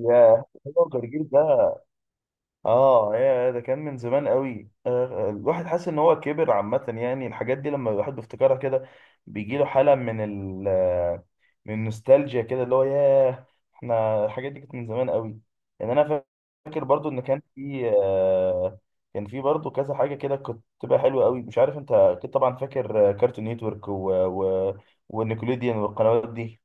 يا، هو جرجير ده؟ اه، يا، ده كان من زمان قوي. الواحد حاسس ان هو كبر عامة. يعني الحاجات دي لما الواحد بيفتكرها كده بيجي له حالة من ال آه، من النوستالجيا كده اللي هو ياه. احنا الحاجات دي كانت من زمان قوي. يعني انا فاكر برضو ان كان في برضو كذا حاجة كده كنت بتبقى حلوة قوي. مش عارف، انت اكيد طبعا فاكر كارتون نيتورك ونيكوليديان والقنوات دي.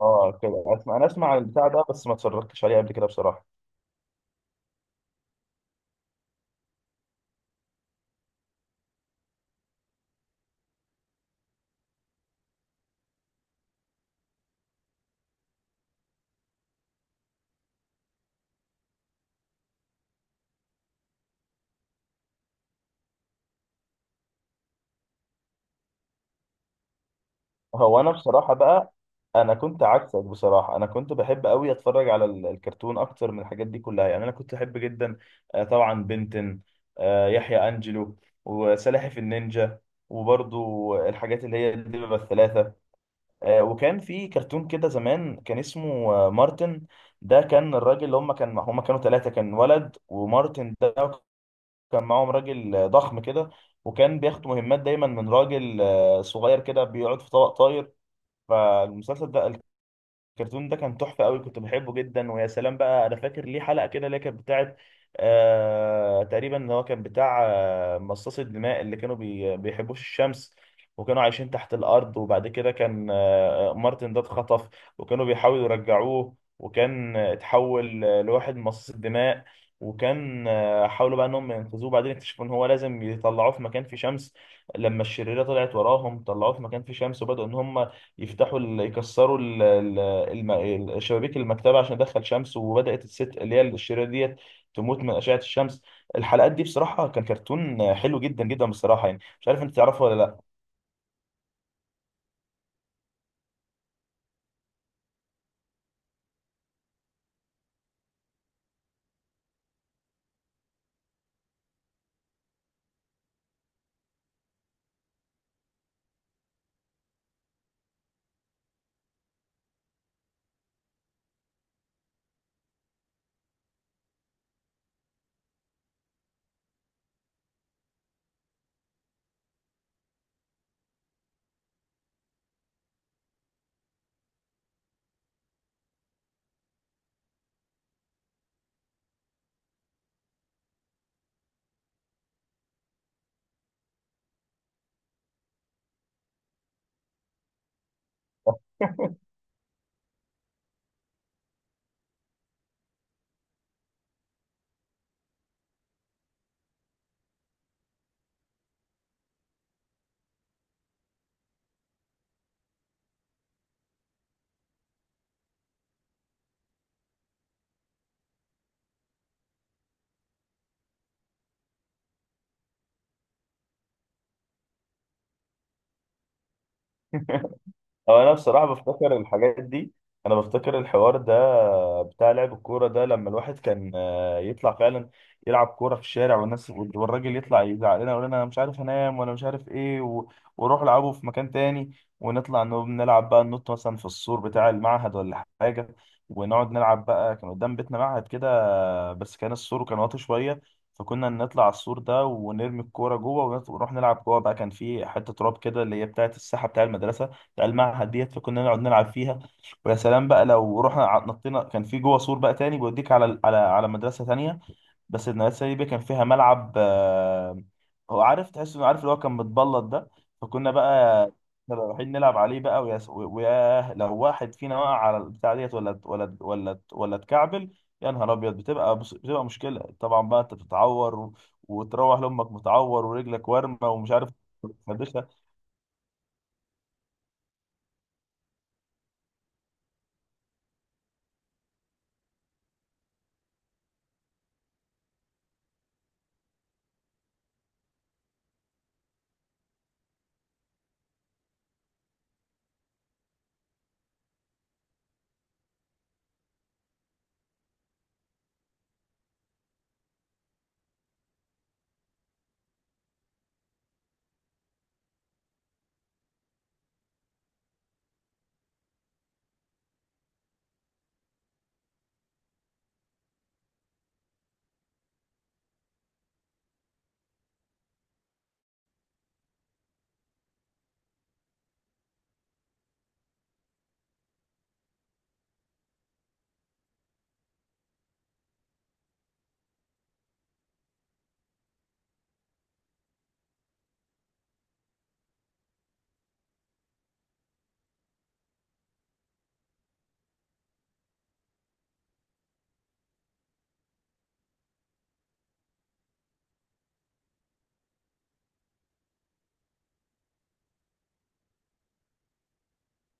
اه كده انا اسمع عن البتاع ده، بس ما اتفرجتش عليه قبل كده بصراحة. هو انا بصراحه بقى، انا كنت عكسك بصراحه. انا كنت بحب قوي اتفرج على الكرتون اكتر من الحاجات دي كلها. يعني انا كنت احب جدا، آه، طبعا بنتن آه، يحيى انجلو، وسلاحف النينجا، وبرضو الحاجات اللي هي الدببة الثلاثة. وكان في كرتون كده زمان كان اسمه مارتن. ده كان الراجل اللي هم كانوا ثلاثة. كان ولد، ومارتن ده، كان معاهم راجل ضخم كده، وكان بياخد مهمات دايما من راجل صغير كده بيقعد في طبق طاير. فالمسلسل ده، الكرتون ده كان تحفة قوي، كنت بحبه جدا. ويا سلام بقى، انا فاكر ليه حلقة كده اللي هي كانت بتاعت تقريبا ان هو كان بتاع مصاص الدماء اللي كانوا بيحبوش الشمس وكانوا عايشين تحت الارض. وبعد كده كان مارتن ده اتخطف، وكانوا بيحاولوا يرجعوه، وكان اتحول لواحد من مصاص الدماء. وكان حاولوا بقى انهم ينقذوه، بعدين اكتشفوا ان هو لازم يطلعوه في مكان فيه شمس. لما الشريرة طلعت وراهم، طلعوه في مكان فيه شمس، وبدأوا ان هم يكسروا شبابيك المكتبه عشان ادخل شمس، وبدات الست اللي هي الشريره ديت تموت من اشعه الشمس. الحلقات دي بصراحه كان كرتون حلو جدا جدا بصراحه، يعني مش عارف انت تعرفه ولا لا. هو انا بصراحه بفتكر الحاجات دي، انا بفتكر الحوار ده بتاع لعب الكوره ده، لما الواحد كان يطلع فعلا يلعب كوره في الشارع، والناس والراجل يطلع يزعق لنا، يقول لنا انا مش عارف انام ولا مش عارف ايه وروح العبوا في مكان تاني. ونطلع نلعب بقى، ننط مثلا في السور بتاع المعهد ولا حاجه، ونقعد نلعب بقى. كان قدام بيتنا معهد كده، بس كان السور كان واطي شويه، فكنا نطلع على السور ده ونرمي الكوره جوه، ونروح نلعب جوه بقى. كان في حته تراب كده اللي هي بتاعه الساحه بتاع المدرسه بتاع المعهد ديت، فكنا نقعد نلعب فيها. ويا سلام بقى لو رحنا نطينا، كان في جوه سور بقى تاني بيوديك على ال- على على مدرسه تانية. بس المدرسه دي بقى كان فيها ملعب، هو عارف، تحس انه عارف اللي هو كان متبلط ده. فكنا بقى كنا رايحين نلعب عليه بقى. ويا لو واحد فينا وقع على البتاع ديت ولا اتكعبل، يا نهار ابيض، بتبقى مشكله طبعا بقى. انت بتتعور وتروح لامك متعور ورجلك ورمه ومش عارف. مخدشه.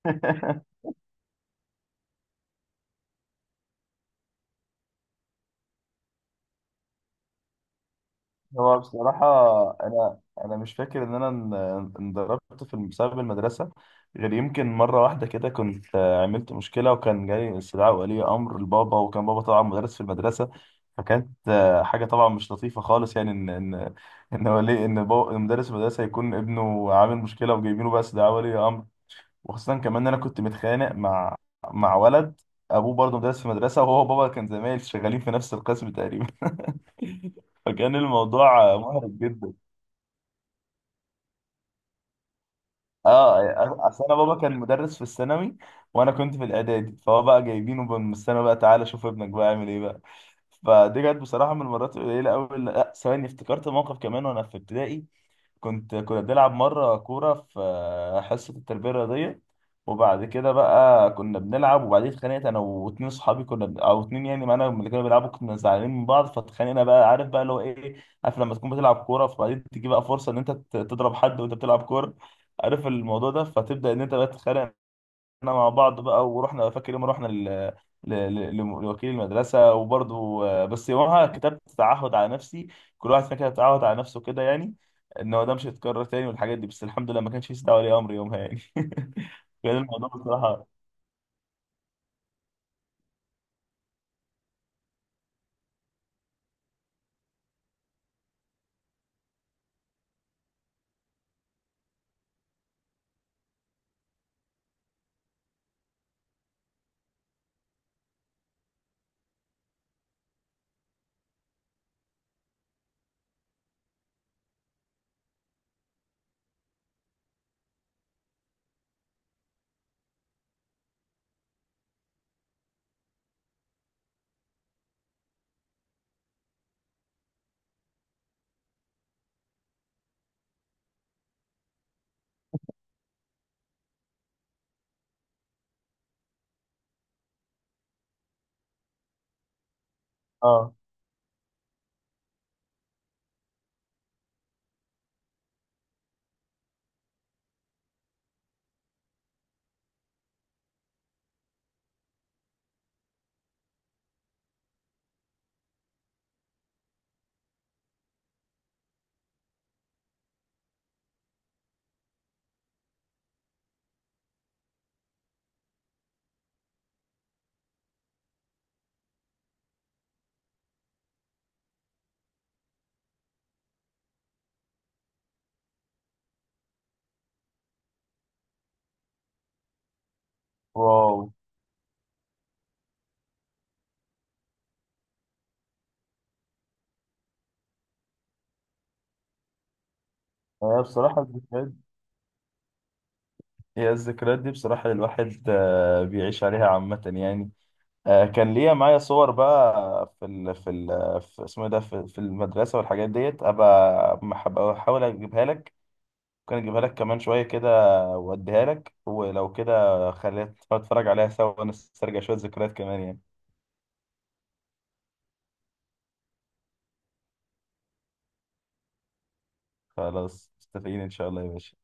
هو بصراحة، أنا أنا مش فاكر إن أنا انضربت في بسبب المدرسة غير يمكن مرة واحدة كده. كنت عملت مشكلة، وكان جاي استدعاء ولي أمر لبابا، وكان بابا طبعا مدرس في المدرسة. فكانت حاجة طبعا مش لطيفة خالص، يعني إن بابا مدرس المدرسة يكون ابنه عامل مشكلة وجايبينه بقى استدعاء ولي أمر. وخاصة كمان إن أنا كنت متخانق مع ولد أبوه برضه مدرس في مدرسة، وهو وبابا كان زمايل شغالين في نفس القسم تقريبا. فكان الموضوع محرج جدا. اه، اصل انا بابا كان مدرس في الثانوي، وانا كنت في الاعدادي، فهو بقى جايبينه بقى من الثانوي بقى، تعالى شوف ابنك بقى عامل ايه بقى. فدي كانت بصراحه من المرات القليله قوي. لا ثواني، افتكرت موقف كمان وانا في ابتدائي. كنا بنلعب مرة كورة في حصة التربية الرياضية، وبعد كده بقى كنا بنلعب، وبعدين اتخانقت انا واتنين صحابي كنا او اتنين يعني معانا من اللي كانوا بيلعبوا. كنا زعلانين من بعض فاتخانقنا بقى، عارف بقى اللي هو ايه، عارف لما تكون بتلعب كورة، فبعدين تيجي بقى فرصة ان انت تضرب حد وانت بتلعب كورة. عارف الموضوع ده، فتبدأ ان انت بقى تتخانق احنا مع بعض بقى. ورحنا، فاكر يوم رحنا لوكيل المدرسه وبرضه بس يومها كتبت تعهد على نفسي، كل واحد فينا كتب تعهد على نفسه كده يعني، ان هو ده مش هيتكرر تاني والحاجات دي. بس الحمد لله ما كانش في دعوه ولي امر يومها يعني. كان الموضوع بصراحه اه، واو. هي بصراحه الذكريات، هي الذكريات دي بصراحه الواحد بيعيش عليها عامه يعني. كان ليا معايا صور بقى في اسمه إيه ده في المدرسه والحاجات ديت، ابقى احاول اجيبها لك. ممكن اجيبها لك كمان شويه كده، واديها لك، ولو كده خلينا نتفرج عليها سوا، ونسترجع شويه ذكريات كمان يعني. خلاص، متفقين ان شاء الله يا باشا.